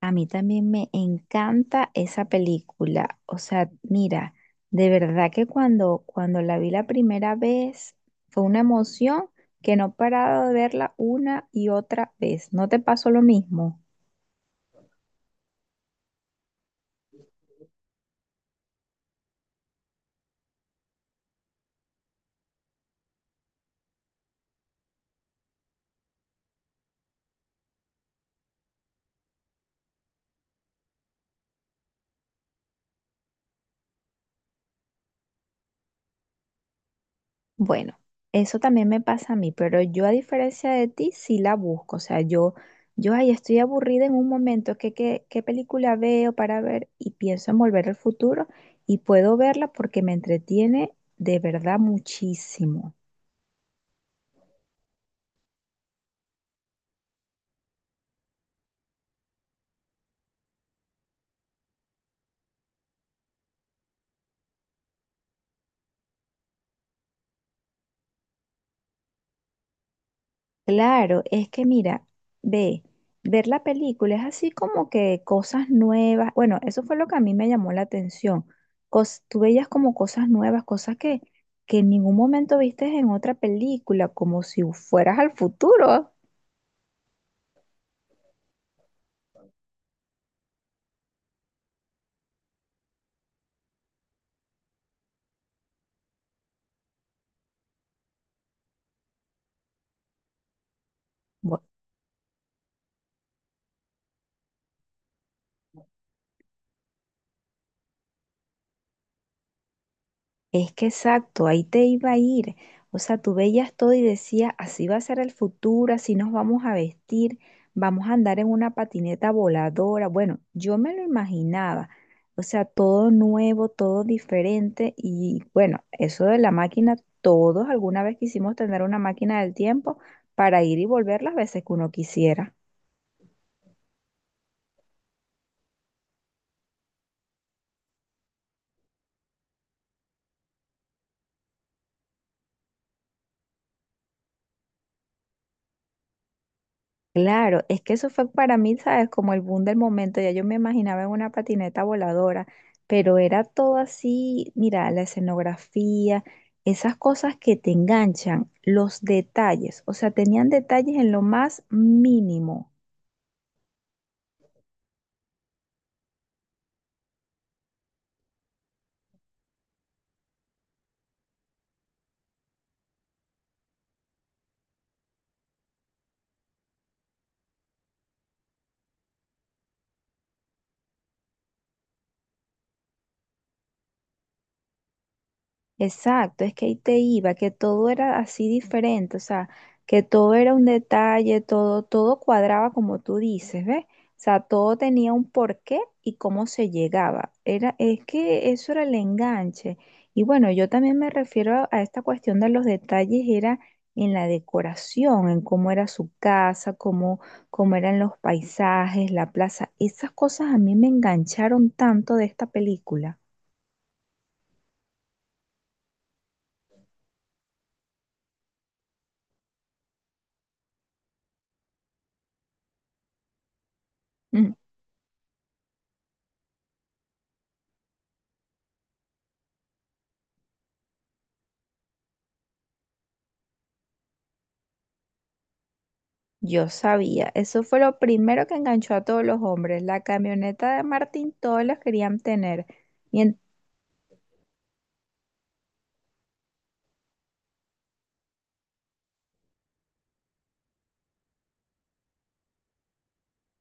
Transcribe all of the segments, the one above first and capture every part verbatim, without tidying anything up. A mí también me encanta esa película. O sea, mira, de verdad que cuando, cuando la vi la primera vez fue una emoción que no he parado de verla una y otra vez. ¿No te pasó lo mismo? Bueno, eso también me pasa a mí, pero yo a diferencia de ti sí la busco. O sea, yo, yo ahí estoy aburrida en un momento, ¿qué, qué, qué película veo para ver? Y pienso en Volver al Futuro y puedo verla porque me entretiene de verdad muchísimo. Claro, es que mira, ve, ver la película es así como que cosas nuevas. Bueno, eso fue lo que a mí me llamó la atención. Cos- tú veías como cosas nuevas, cosas que, que en ningún momento vistes en otra película, como si fueras al futuro. Es que exacto, ahí te iba a ir. O sea, tú veías todo y decías, así va a ser el futuro, así nos vamos a vestir, vamos a andar en una patineta voladora. Bueno, yo me lo imaginaba. O sea, todo nuevo, todo diferente. Y bueno, eso de la máquina, todos alguna vez quisimos tener una máquina del tiempo para ir y volver las veces que uno quisiera. Claro, es que eso fue para mí, ¿sabes? Como el boom del momento. Ya yo me imaginaba en una patineta voladora, pero era todo así, mira, la escenografía, esas cosas que te enganchan, los detalles, o sea, tenían detalles en lo más mínimo. Exacto, es que ahí te iba, que todo era así diferente, o sea, que todo era un detalle, todo, todo cuadraba como tú dices, ¿ves? O sea, todo tenía un porqué y cómo se llegaba. Era, es que eso era el enganche. Y bueno, yo también me refiero a, a esta cuestión de los detalles, era en la decoración, en cómo era su casa, cómo, cómo eran los paisajes, la plaza. Esas cosas a mí me engancharon tanto de esta película. Mm. Yo sabía, eso fue lo primero que enganchó a todos los hombres. La camioneta de Martín, todos los querían tener. Y en-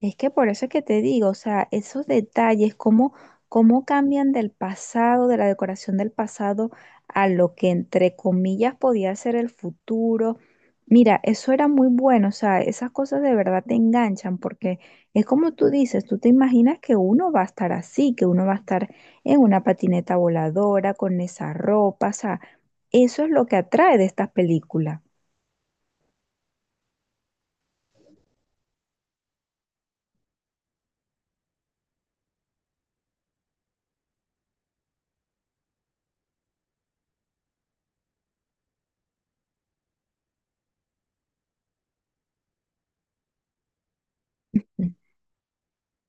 es que por eso es que te digo, o sea, esos detalles, cómo, cómo cambian del pasado, de la decoración del pasado, a lo que entre comillas podía ser el futuro. Mira, eso era muy bueno, o sea, esas cosas de verdad te enganchan porque es como tú dices, tú te imaginas que uno va a estar así, que uno va a estar en una patineta voladora, con esa ropa, o sea. Eso es lo que atrae de estas películas.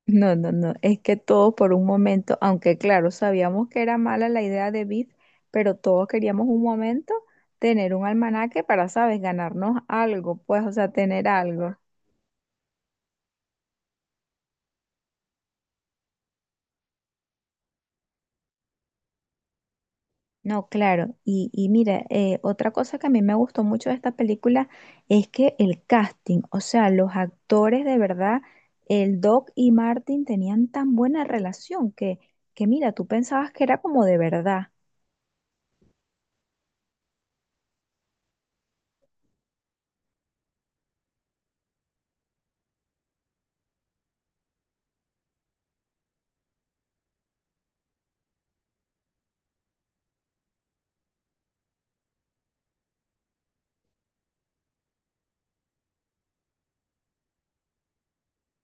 No, no, no, es que todo por un momento, aunque claro, sabíamos que era mala la idea de Biff, pero todos queríamos un momento tener un almanaque para, sabes, ganarnos algo, pues, o sea, tener algo. No, claro, y, y mira, eh, otra cosa que a mí me gustó mucho de esta película es que el casting, o sea, los actores de verdad, el Doc y Martin tenían tan buena relación que, que mira, tú pensabas que era como de verdad.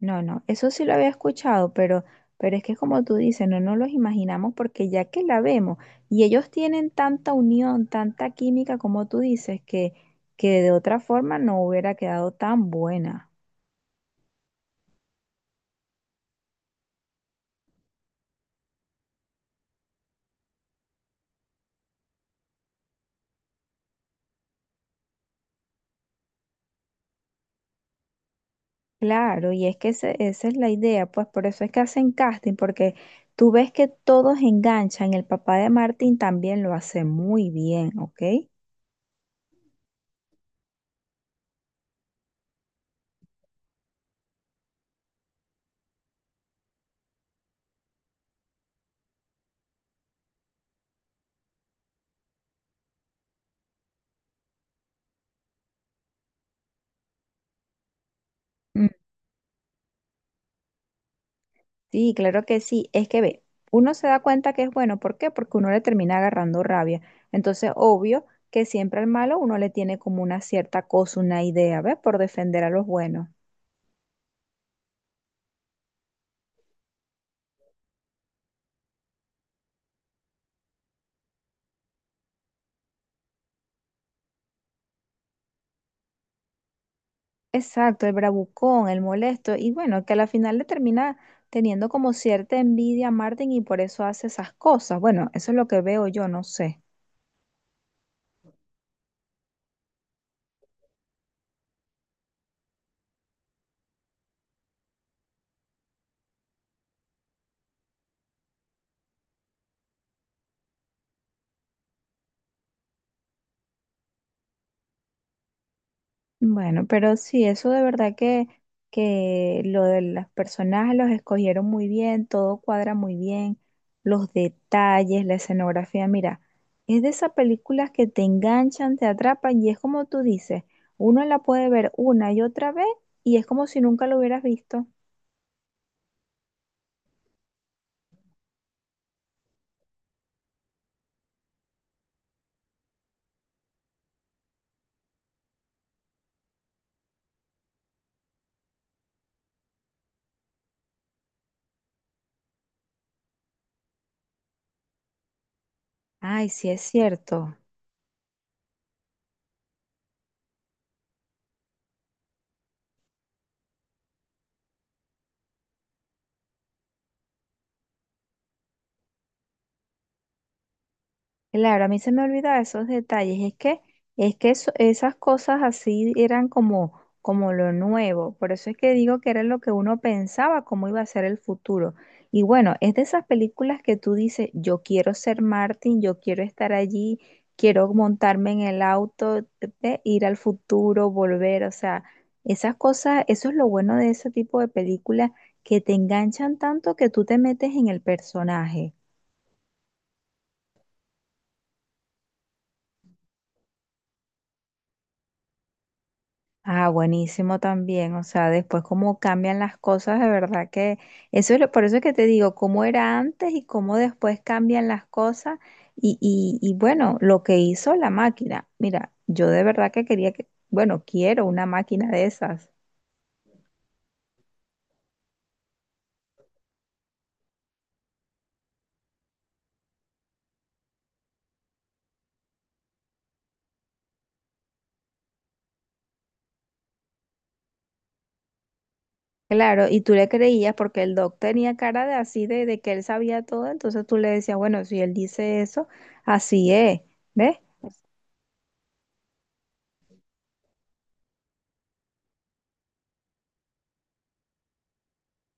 No, no, eso sí lo había escuchado, pero, pero es que como tú dices, no nos los imaginamos porque ya que la vemos y ellos tienen tanta unión, tanta química como tú dices, que, que de otra forma no hubiera quedado tan buena. Claro, y es que ese- esa es la idea, pues por eso es que hacen casting, porque tú ves que todos enganchan, el papá de Martín también lo hace muy bien, ¿ok? Sí, claro que sí. Es que ve, uno se da cuenta que es bueno. ¿Por qué? Porque uno le termina agarrando rabia. Entonces, obvio que siempre al malo uno le tiene como una cierta cosa, una idea, ¿ves? Por defender a los buenos. Exacto, el bravucón, el molesto. Y bueno, que a la final le termina teniendo como cierta envidia a Martin y por eso hace esas cosas. Bueno, eso es lo que veo yo, no sé. Bueno, pero sí, eso de verdad que, que lo de las personajes los escogieron muy bien, todo cuadra muy bien, los detalles, la escenografía, mira, es de esas películas que te enganchan, te atrapan y es como tú dices, uno la puede ver una y otra vez y es como si nunca lo hubieras visto. Ay, sí es cierto. Claro, a mí se me olvidaba esos detalles. Es que, es que eso- esas cosas así eran como, como lo nuevo. Por eso es que digo que era lo que uno pensaba, cómo iba a ser el futuro. Y bueno, es de esas películas que tú dices, yo quiero ser Martin, yo quiero estar allí, quiero montarme en el auto, eh, ir al futuro, volver. O sea, esas cosas, eso es lo bueno de ese tipo de películas que te enganchan tanto que tú te metes en el personaje. Ah, buenísimo también. O sea, después cómo cambian las cosas, de verdad que eso es lo- por eso es que te digo, cómo era antes y cómo después cambian las cosas. Y, y, y bueno, lo que hizo la máquina. Mira, yo de verdad que quería que, bueno, quiero una máquina de esas. Claro, y tú le creías porque el doc tenía cara de así, de, de que él sabía todo, entonces tú le decías, bueno, si él dice eso, así es, ¿ves?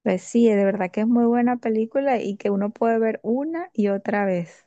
Pues sí, de verdad que es muy buena película y que uno puede ver una y otra vez.